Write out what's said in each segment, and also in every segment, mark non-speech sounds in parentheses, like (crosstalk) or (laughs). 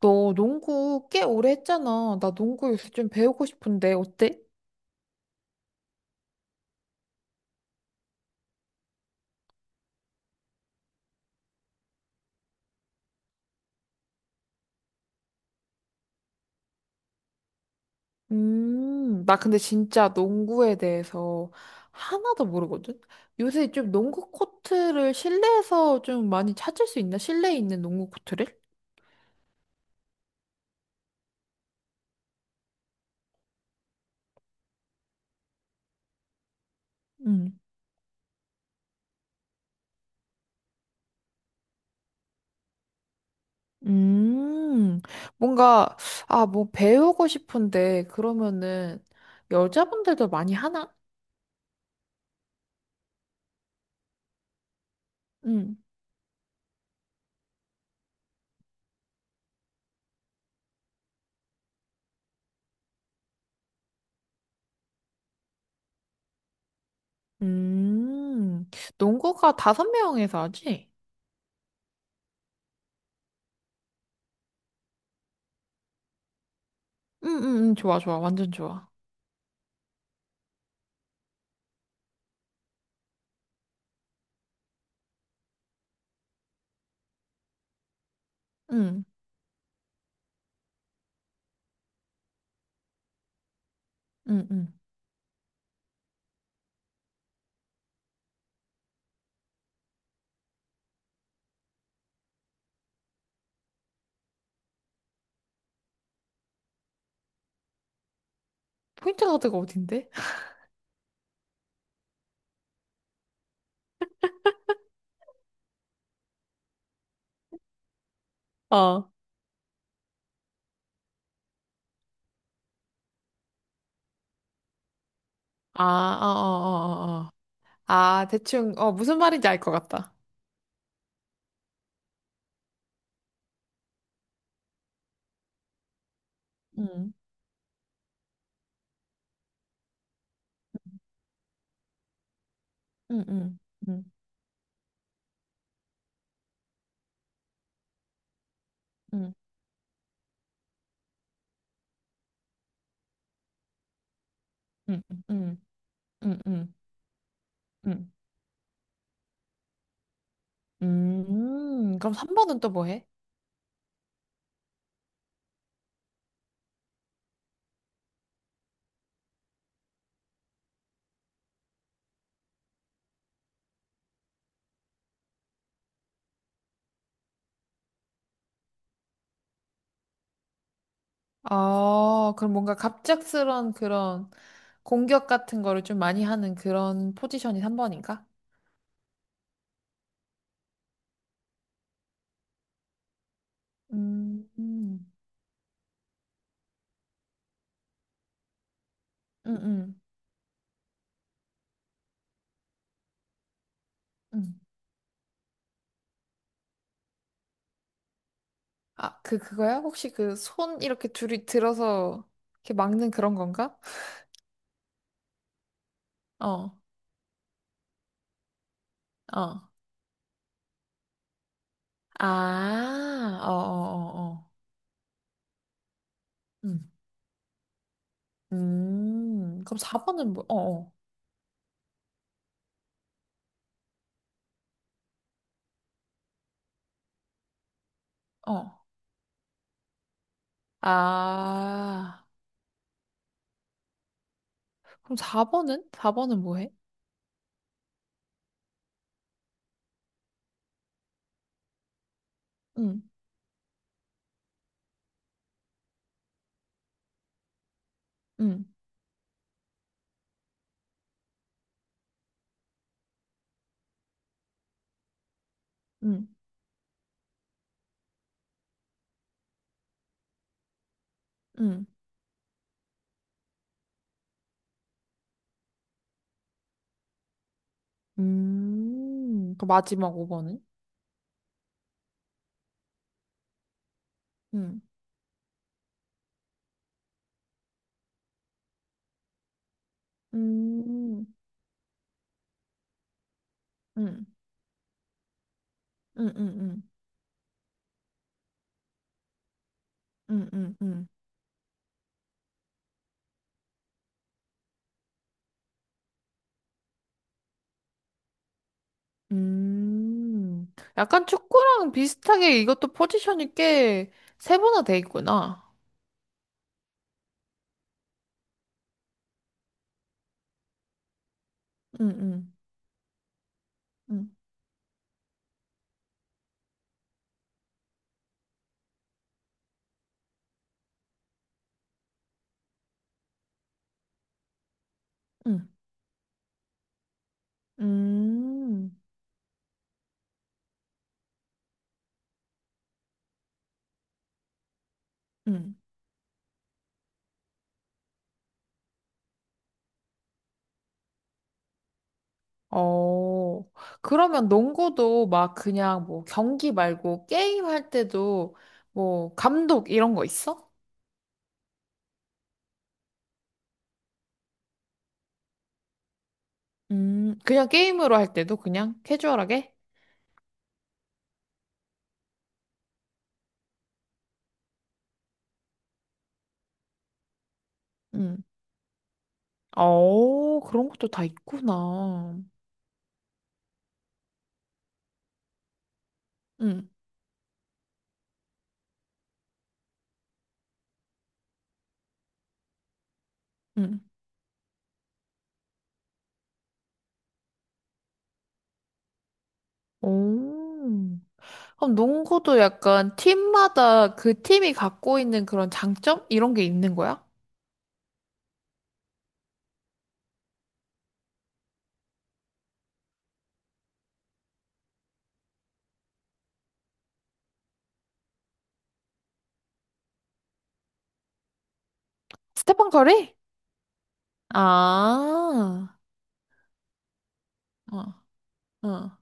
너 농구 꽤 오래 했잖아. 나 농구 요새 좀 배우고 싶은데, 어때? 나 근데 진짜 농구에 대해서 하나도 모르거든? 요새 좀 농구 코트를 실내에서 좀 많이 찾을 수 있나? 실내에 있는 농구 코트를? 음. 음, 뭔가, 아, 뭐 배우고 싶은데, 그러면은 여자분들도 많이 하나? 음. 음, 농구가 다섯 명에서 하지? 응, 응, 응, 좋아, 좋아, 완전 좋아. 응. 응, 응. 포인트 카드가 어딘데? (laughs) 어. 아, 어, 어, 어, 어. 어. 아, 대충, 어, 무슨 말인지 알 것 같다. 응, 응, 응, 응, 응, 응, 응, 응, 응, 응. 그럼 3번은 또 뭐 해? 아, 그럼 뭔가 갑작스런 그런 공격 같은 거를 좀 많이 하는 그런 포지션이 3번인가? 음, 음, 음, 음, 음. 아, 그, 그거야? 혹시 그 손 이렇게 둘이 들어서 이렇게 막는 그런 건가? 어. 어. 아, 어, 어, 어, 어. 음. 음. 그럼 4번은 뭐, 어, 어, 어. 아. 그럼 4번은? 4번은 뭐 해? 응, 응, 응, 응. 음. 그 마지막 5번은? 응, 음, 응, 응, 응, 응, 응, 응. 음. 약간 축구랑 비슷하게 이것도 포지션이 꽤 세분화돼 있구나. 응, 응, 응, 응. 음. 음. 어, 그러면 농구도 막 그냥 뭐 경기 말고 게임 할 때도 뭐 감독 이런 거 있어? 그냥 게임으로 할 때도 그냥 캐주얼하게? 음. 어, 그런 것도 다 있구나. 음, 음. 오. 그럼 농구도 약간 팀마다 그 팀이 갖고 있는 그런 장점? 이런 게 있는 거야? 스테판 커리? 아, 어, 어.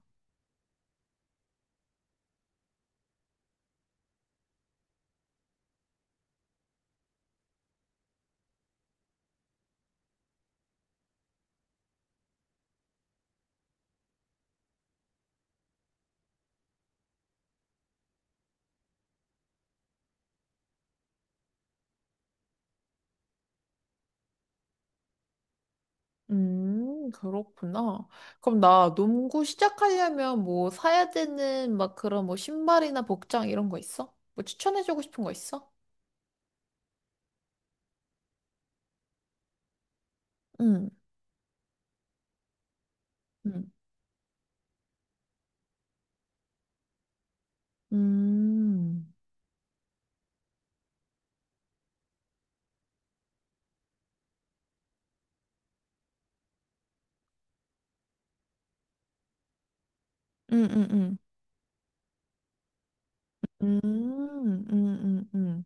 그렇구나. 그럼 나 농구 시작하려면 뭐 사야 되는 막 그런 뭐 신발이나 복장 이런 거 있어? 뭐 추천해주고 싶은 거 있어? 응, 응, 음, 응, 응, 응, 음, 음, 음, 음,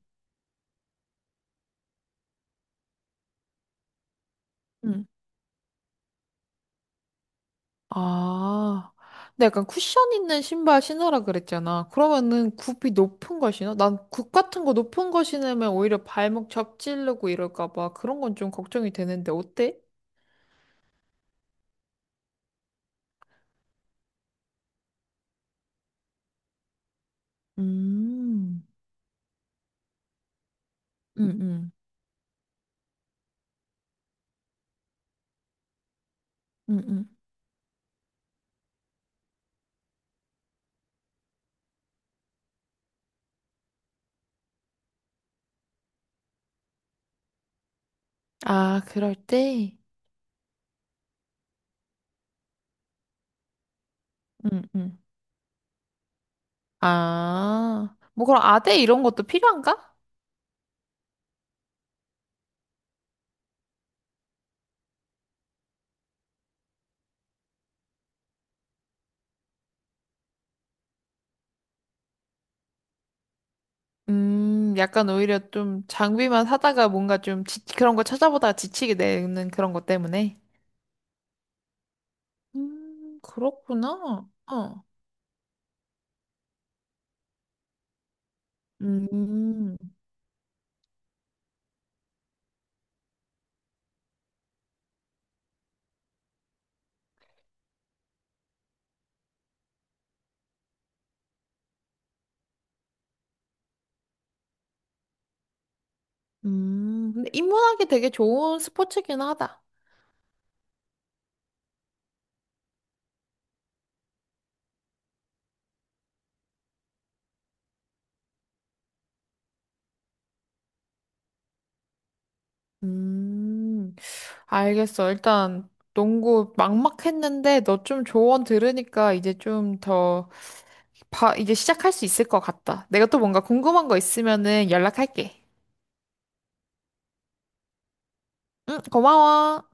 음. 아, 근데 약간 쿠션 있는 신발 신으라 그랬잖아. 그러면은 굽이 높은 걸 신어? 난 굽 같은 거 높은 거 신으면 오히려 발목 접질르고 이럴까 봐 그런 건 좀 걱정이 되는데 어때? 음, 음, 음. 음, 음. 아, 그럴 때? 음, 음. 아, 뭐 그럼 아대 이런 것도 필요한가? 약간 오히려 좀 장비만 사다가 뭔가 그런 거 찾아보다가 지치게 되는 그런 것 때문에. 그렇구나. 어. 음, 근데 입문하기 되게 좋은 스포츠긴 하다. 음, 알겠어. 일단 농구 막막했는데 너 좀 조언 들으니까 이제 좀 더, 봐, 이제 시작할 수 있을 것 같다. 내가 또 뭔가 궁금한 거 있으면은 연락할게. 응, 고마워.